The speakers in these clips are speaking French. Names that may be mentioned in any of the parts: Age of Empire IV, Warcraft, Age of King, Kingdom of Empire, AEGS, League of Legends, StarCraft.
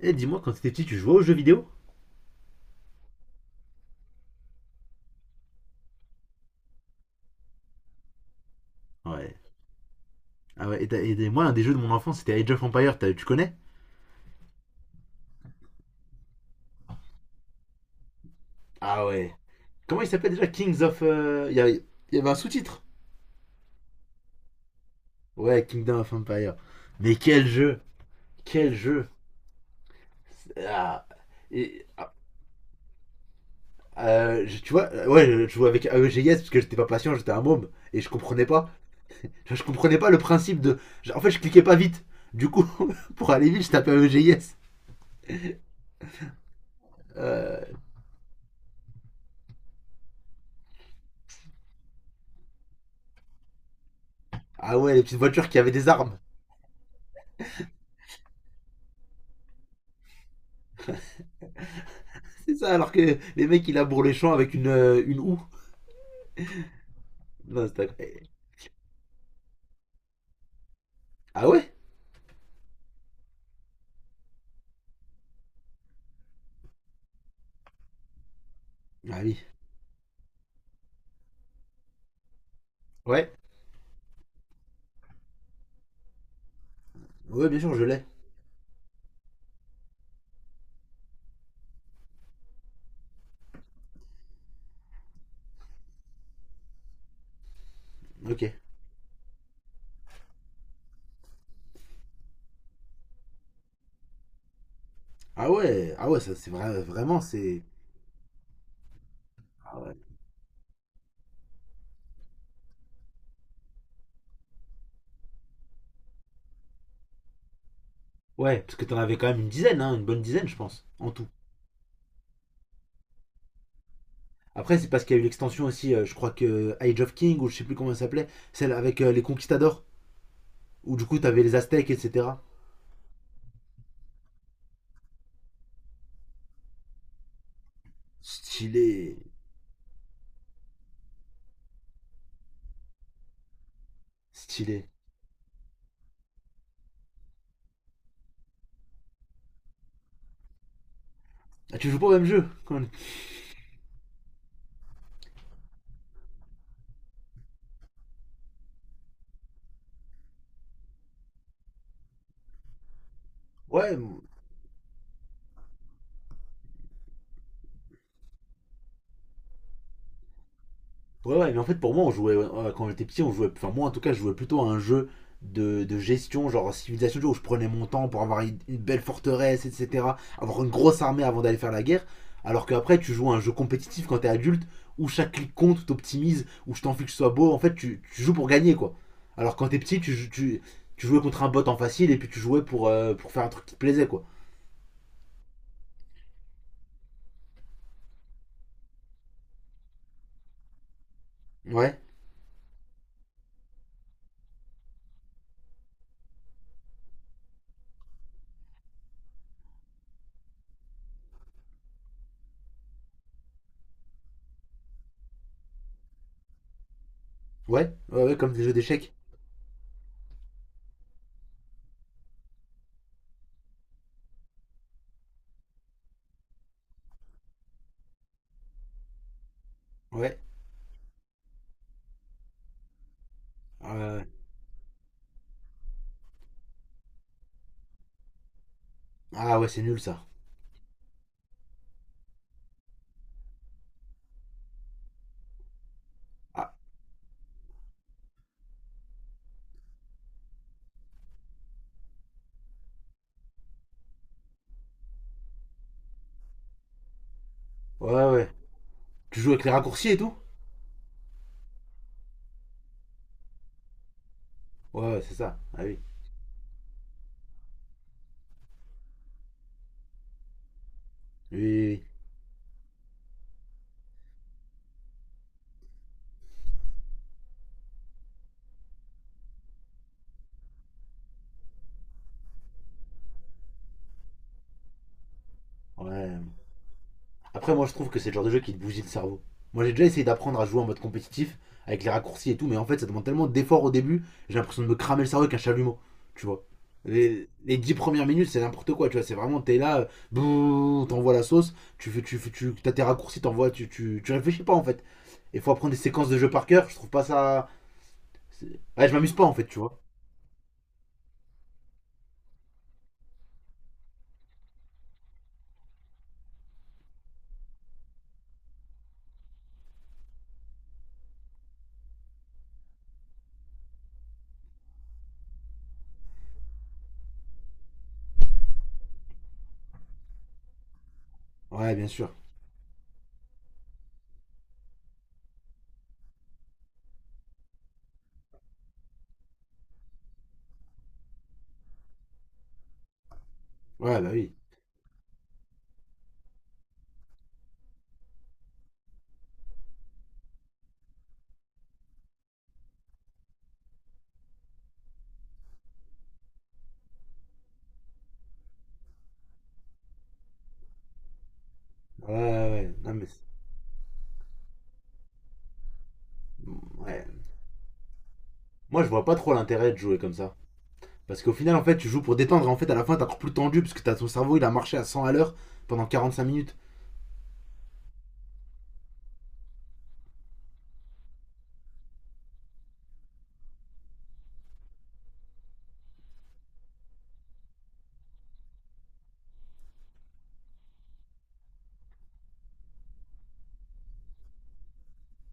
Eh, dis-moi, quand t'étais petit, tu jouais aux jeux vidéo? Ouais. Ah ouais, et, et moi, un des jeux de mon enfance, c'était Age of Empire, tu connais? Ah ouais. Comment il s'appelle déjà, Kings of? Il y avait un sous-titre? Ouais, Kingdom of Empire. Mais quel jeu! Quel jeu! Ah. Et, ah, Tu vois, ouais, je jouais avec AEGS parce que j'étais pas patient, j'étais un môme, et je comprenais pas. Je comprenais pas le principe de. En fait, je cliquais pas vite. Du coup, pour aller vite, je tapais AEGS. Euh, Ah ouais, les petites voitures qui avaient des armes. C'est ça, alors que les mecs, ils labourent les champs avec une houe. Non, c'est. Ah ouais. Ah oui. Ouais. Ouais, bien sûr, je l'ai. Ok. Ah ouais, ah ouais, ça c'est vrai, vraiment, c'est. Ah ouais. Ouais, parce que t'en avais quand même une dizaine, hein, une bonne dizaine, je pense, en tout. Après, c'est parce qu'il y a eu l'extension aussi, je crois que Age of King, ou je sais plus comment elle s'appelait, celle avec les conquistadors, où du coup t'avais les aztèques, etc. Stylé. Stylé. Ah, tu joues pas au même jeu quand même. Ouais, ouais, ouais, mais en fait, pour moi, on jouait, quand j'étais petit, on jouait, enfin, moi en tout cas, je jouais plutôt à un jeu de gestion, genre civilisation, où je prenais mon temps pour avoir une belle forteresse, etc., avoir une grosse armée avant d'aller faire la guerre, alors qu'après, tu joues à un jeu compétitif quand t'es adulte, où chaque clic compte, où t'optimises, où je t'en fiche que ce soit beau, en fait, tu joues pour gagner, quoi. Alors quand t'es petit, tu jouais contre un bot en facile, et puis tu jouais pour faire un truc qui te plaisait, quoi. Ouais, ouais, ouais, ouais, comme des jeux d'échecs. Ouais. Euh, Ah ouais, c'est nul ça. Ah, ouais, ouais. Tu joues avec les raccourcis et tout? Ouais, ouais, c'est ça. Ah oui. Oui, oui, oui. Ouais. Après, moi, je trouve que c'est le genre de jeu qui te bousille le cerveau. Moi, j'ai déjà essayé d'apprendre à jouer en mode compétitif avec les raccourcis et tout, mais en fait, ça demande tellement d'efforts au début, j'ai l'impression de me cramer le cerveau avec un chalumeau. Tu vois, les 10 premières minutes, c'est n'importe quoi, tu vois. C'est vraiment, t'es là, bouh, t'envoies la sauce, tu fais, t'as tes raccourcis, t'envoies, tu réfléchis pas en fait. Il faut apprendre des séquences de jeu par cœur, je trouve pas ça. Ouais, je m'amuse pas en fait, tu vois. Ouais, bien sûr. Ouais, bah oui. Ouais, ouais, ouais. Non, mais. Ouais, moi, je vois pas trop l'intérêt de jouer comme ça. Parce qu'au final, en fait, tu joues pour détendre et en fait, à la fin, t'es encore plus tendu parce que t'as ton cerveau, il a marché à 100 à l'heure pendant 45 minutes.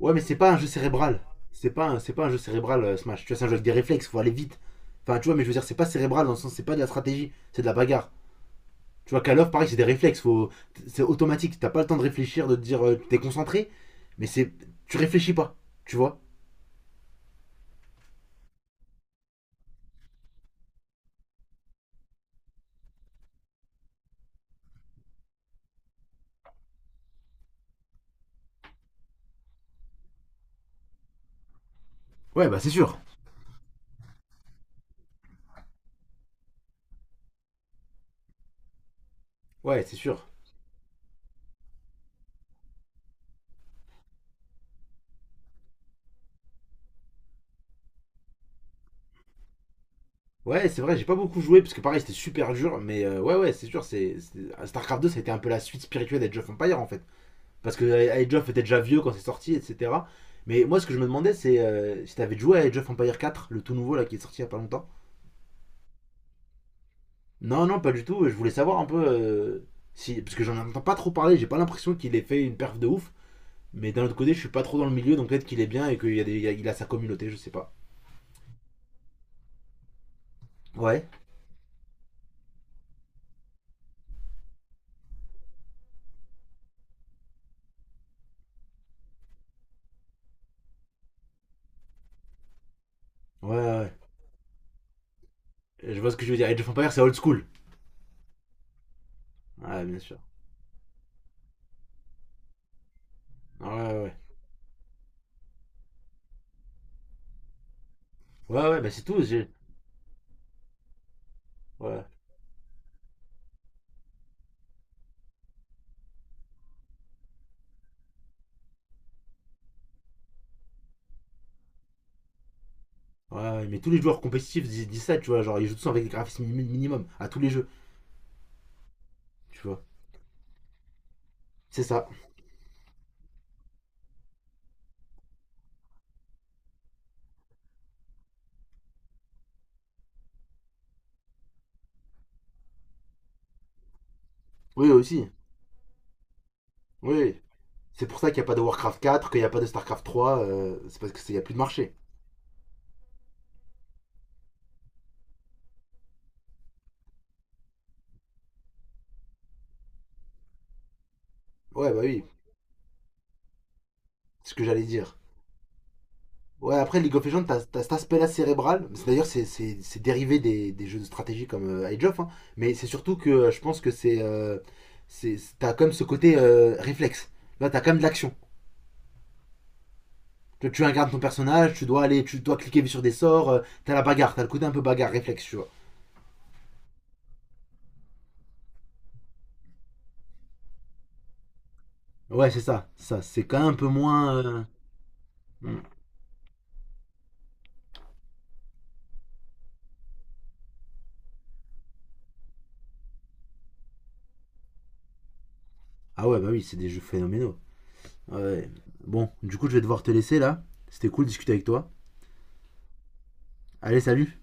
Ouais, mais c'est pas un jeu cérébral. C'est pas, c'est pas un jeu cérébral, Smash. Tu vois, c'est un jeu avec des réflexes, faut aller vite. Enfin, tu vois, mais je veux dire, c'est pas cérébral dans le sens, c'est pas de la stratégie, c'est de la bagarre. Tu vois, Call of, pareil, c'est des réflexes, faut. C'est automatique. T'as pas le temps de réfléchir, de te dire, t'es concentré, mais c'est. Tu réfléchis pas, tu vois. Ouais, bah c'est sûr. Ouais, c'est sûr. Ouais, c'est vrai, j'ai pas beaucoup joué parce que pareil, c'était super dur, mais ouais, ouais, c'est sûr, StarCraft 2, ça a été un peu la suite spirituelle d'Age of Empire en fait. Parce que Age of était déjà vieux quand c'est sorti, etc. Mais moi, ce que je me demandais, c'est si t'avais joué à Age of Empire 4, le tout nouveau là qui est sorti il y a pas longtemps. Non, non, pas du tout, je voulais savoir un peu si. Parce que j'en entends pas trop parler, j'ai pas l'impression qu'il ait fait une perf de ouf. Mais d'un autre côté, je suis pas trop dans le milieu, donc peut-être qu'il est bien et qu'il y a des- il y a- il a sa communauté, je sais pas. Ouais. Ouais, ouais, ouais. Je vois ce que je veux dire. Age of Empire, c'est old school. Ouais, bien sûr. Ouais, ouais. Ouais. Ouais, ouais, bah c'est tout. Ouais. Ouais, ouais, mais tous les joueurs compétitifs disent ça, tu vois. Genre, ils jouent tous avec des graphismes mini- minimum à tous les jeux, tu vois. C'est ça. Oui, aussi. Oui. C'est pour ça qu'il n'y a pas de Warcraft 4, qu'il n'y a pas de Starcraft 3. C'est parce qu'il n'y a plus de marché. Ouais, bah oui. C'est ce que j'allais dire. Ouais, après, League of Legends, t'as cet aspect-là cérébral. D'ailleurs, c'est dérivé des jeux de stratégie comme Age of, hein. Mais c'est surtout que je pense que c'est. T'as quand même ce côté réflexe. Là, t'as quand même de l'action. Tu incarnes ton personnage, tu dois aller, tu dois cliquer sur des sorts, t'as la bagarre, t'as le côté un peu bagarre, réflexe, tu vois. Ouais, c'est ça, ça, c'est quand même un peu moins. Hmm. Ah ouais, bah oui, c'est des jeux phénoménaux. Ouais. Bon, du coup, je vais devoir te laisser là. C'était cool de discuter avec toi. Allez, salut!